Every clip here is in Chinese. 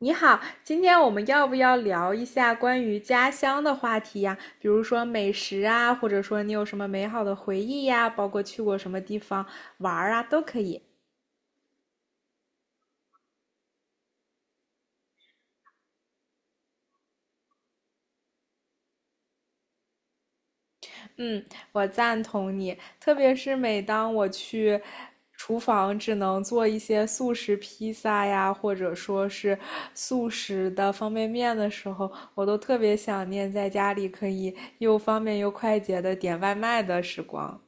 你好，今天我们要不要聊一下关于家乡的话题呀？比如说美食啊，或者说你有什么美好的回忆呀，包括去过什么地方玩儿啊，都可以。嗯，我赞同你，特别是每当我去厨房只能做一些速食披萨呀，或者说是速食的方便面的时候，我都特别想念在家里可以又方便又快捷的点外卖的时光。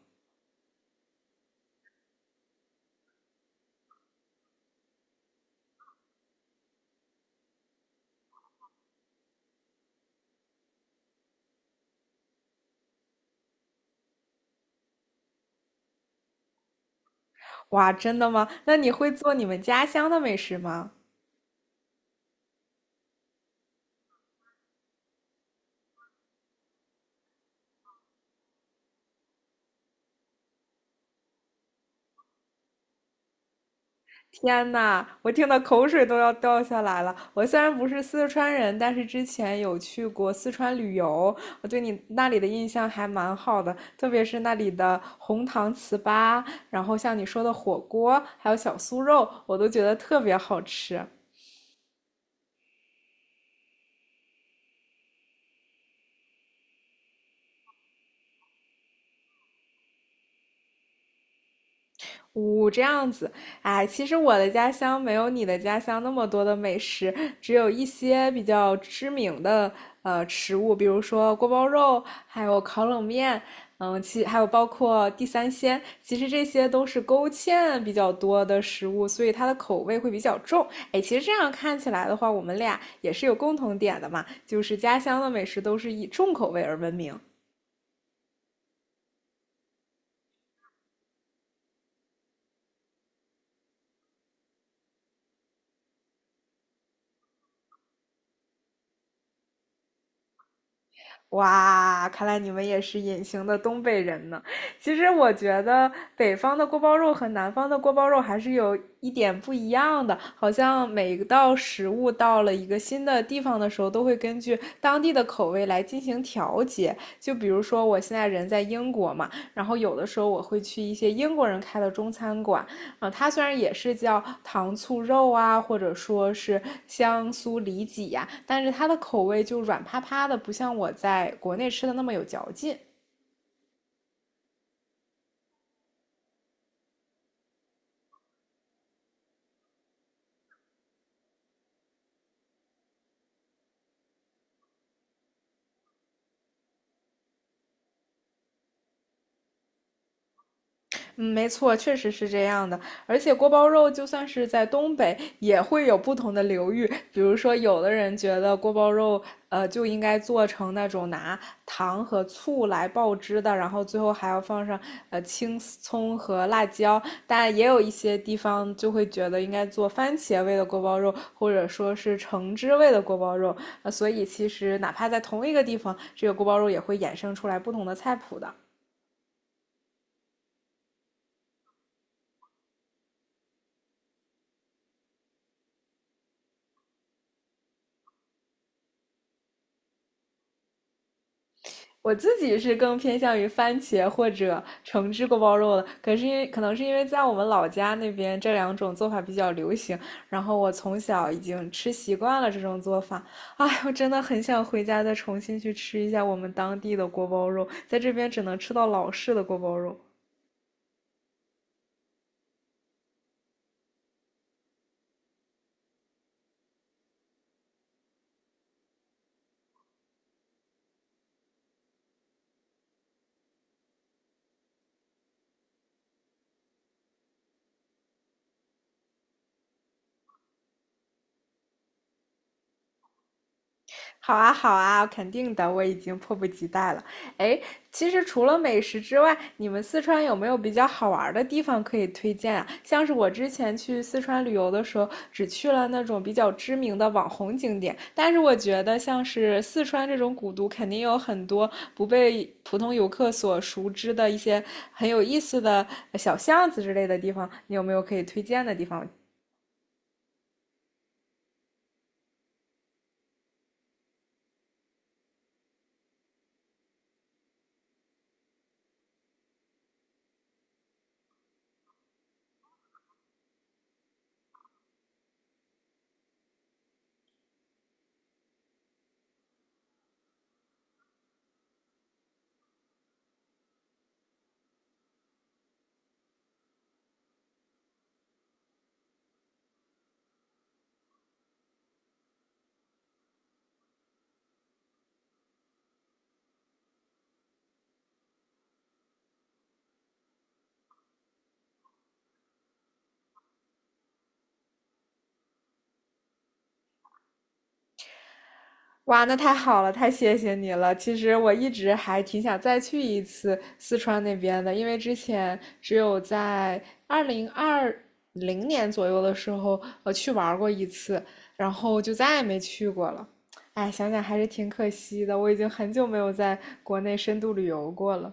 哇，真的吗？那你会做你们家乡的美食吗？天呐，我听的口水都要掉下来了。我虽然不是四川人，但是之前有去过四川旅游，我对你那里的印象还蛮好的，特别是那里的红糖糍粑，然后像你说的火锅，还有小酥肉，我都觉得特别好吃。呜，这样子，哎，其实我的家乡没有你的家乡那么多的美食，只有一些比较知名的食物，比如说锅包肉，还有烤冷面，嗯，还有包括地三鲜，其实这些都是勾芡比较多的食物，所以它的口味会比较重。哎，其实这样看起来的话，我们俩也是有共同点的嘛，就是家乡的美食都是以重口味而闻名。哇，看来你们也是隐形的东北人呢。其实我觉得北方的锅包肉和南方的锅包肉还是有一点不一样的，好像每一道食物到了一个新的地方的时候，都会根据当地的口味来进行调节。就比如说我现在人在英国嘛，然后有的时候我会去一些英国人开的中餐馆，啊，它虽然也是叫糖醋肉啊，或者说是香酥里脊呀、但是它的口味就软趴趴的，不像我在国内吃的那么有嚼劲。嗯，没错，确实是这样的。而且锅包肉就算是在东北，也会有不同的流域。比如说，有的人觉得锅包肉，就应该做成那种拿糖和醋来爆汁的，然后最后还要放上青葱和辣椒。但也有一些地方就会觉得应该做番茄味的锅包肉，或者说是橙汁味的锅包肉。所以其实哪怕在同一个地方，这个锅包肉也会衍生出来不同的菜谱的。我自己是更偏向于番茄或者橙汁锅包肉的，可是可能是因为在我们老家那边这两种做法比较流行，然后我从小已经吃习惯了这种做法。哎，我真的很想回家再重新去吃一下我们当地的锅包肉，在这边只能吃到老式的锅包肉。好啊，好啊，肯定的，我已经迫不及待了。哎，其实除了美食之外，你们四川有没有比较好玩儿的地方可以推荐啊？像是我之前去四川旅游的时候，只去了那种比较知名的网红景点，但是我觉得像是四川这种古都，肯定有很多不被普通游客所熟知的一些很有意思的小巷子之类的地方，你有没有可以推荐的地方？哇，那太好了，太谢谢你了。其实我一直还挺想再去一次四川那边的，因为之前只有在2020年左右的时候，去玩过一次，然后就再也没去过了。哎，想想还是挺可惜的，我已经很久没有在国内深度旅游过了。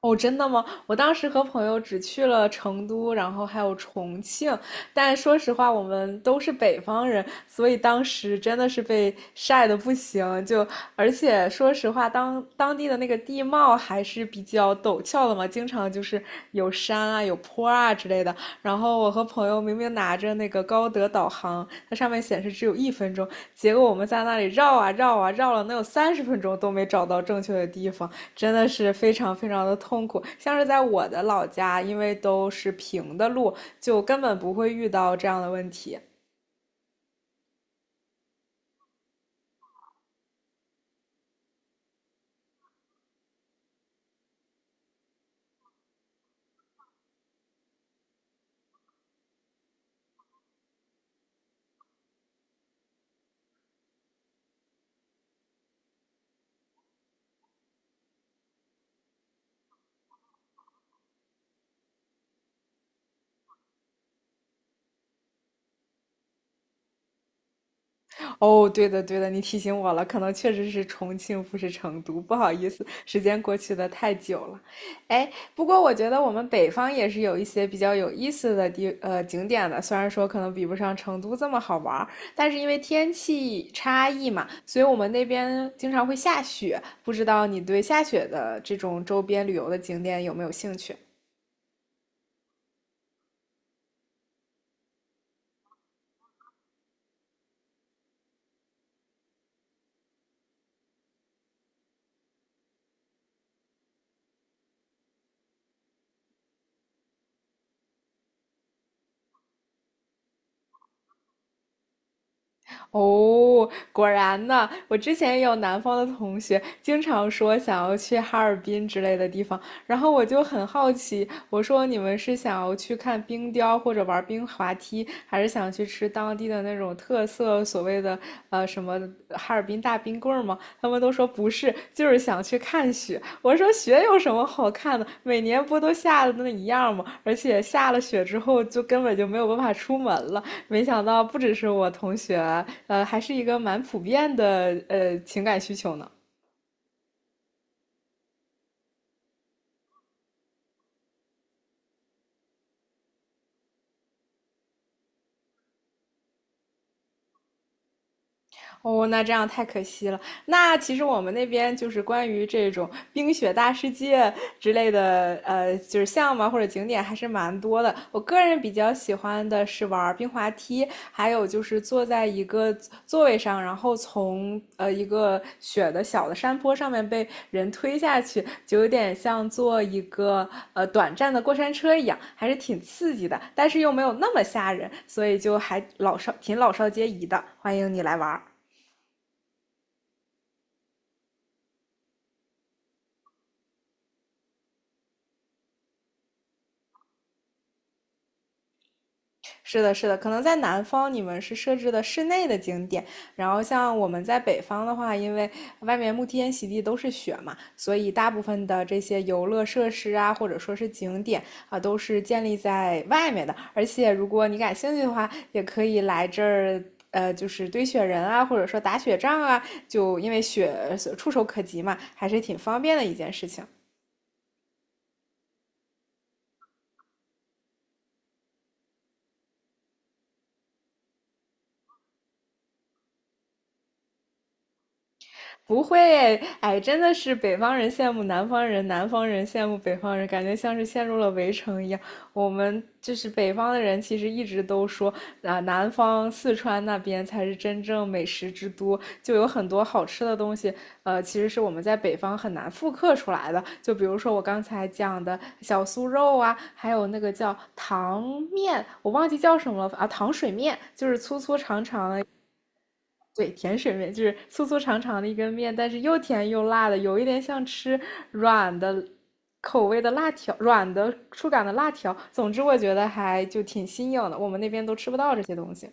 哦，真的吗？我当时和朋友只去了成都，然后还有重庆，但说实话，我们都是北方人，所以当时真的是被晒得不行。而且说实话，当地的那个地貌还是比较陡峭的嘛，经常就是有山啊、有坡啊之类的。然后我和朋友明明拿着那个高德导航，它上面显示只有1分钟，结果我们在那里绕啊绕啊绕了能有30分钟都没找到正确的地方。真的是非常非常的痛苦。像是在我的老家，因为都是平的路，就根本不会遇到这样的问题。哦，对的，对的，你提醒我了，可能确实是重庆，不是成都，不好意思，时间过去的太久了。哎，不过我觉得我们北方也是有一些比较有意思的景点的，虽然说可能比不上成都这么好玩儿，但是因为天气差异嘛，所以我们那边经常会下雪。不知道你对下雪的这种周边旅游的景点有没有兴趣？哦，果然呢，我之前也有南方的同学经常说想要去哈尔滨之类的地方，然后我就很好奇，我说你们是想要去看冰雕或者玩冰滑梯，还是想去吃当地的那种特色所谓的什么哈尔滨大冰棍儿吗？他们都说不是，就是想去看雪。我说雪有什么好看的？每年不都下的那一样吗？而且下了雪之后就根本就没有办法出门了。没想到不只是我同学，还是一个蛮普遍的情感需求呢。哦，那这样太可惜了。那其实我们那边就是关于这种冰雪大世界之类的，就是项目啊或者景点还是蛮多的。我个人比较喜欢的是玩冰滑梯，还有就是坐在一个座位上，然后从一个雪的小的山坡上面被人推下去，就有点像坐一个短暂的过山车一样，还是挺刺激的，但是又没有那么吓人，所以就还老少皆宜的。欢迎你来玩。是的，是的，可能在南方你们是设置的室内的景点，然后像我们在北方的话，因为外面沐天席地都是雪嘛，所以大部分的这些游乐设施啊，或者说是景点啊，都是建立在外面的。而且如果你感兴趣的话，也可以来这儿。就是堆雪人啊，或者说打雪仗啊，就因为雪触手可及嘛，还是挺方便的一件事情。不会，哎，真的是北方人羡慕南方人，南方人羡慕北方人，感觉像是陷入了围城一样。我们就是北方的人，其实一直都说啊，南方四川那边才是真正美食之都，就有很多好吃的东西，其实是我们在北方很难复刻出来的。就比如说我刚才讲的小酥肉啊，还有那个叫糖面，我忘记叫什么了啊，糖水面，就是粗粗长长的对，甜水面就是粗粗长长的一根面，但是又甜又辣的，有一点像吃软的口味的辣条，软的触感的辣条。总之，我觉得还就挺新颖的，我们那边都吃不到这些东西。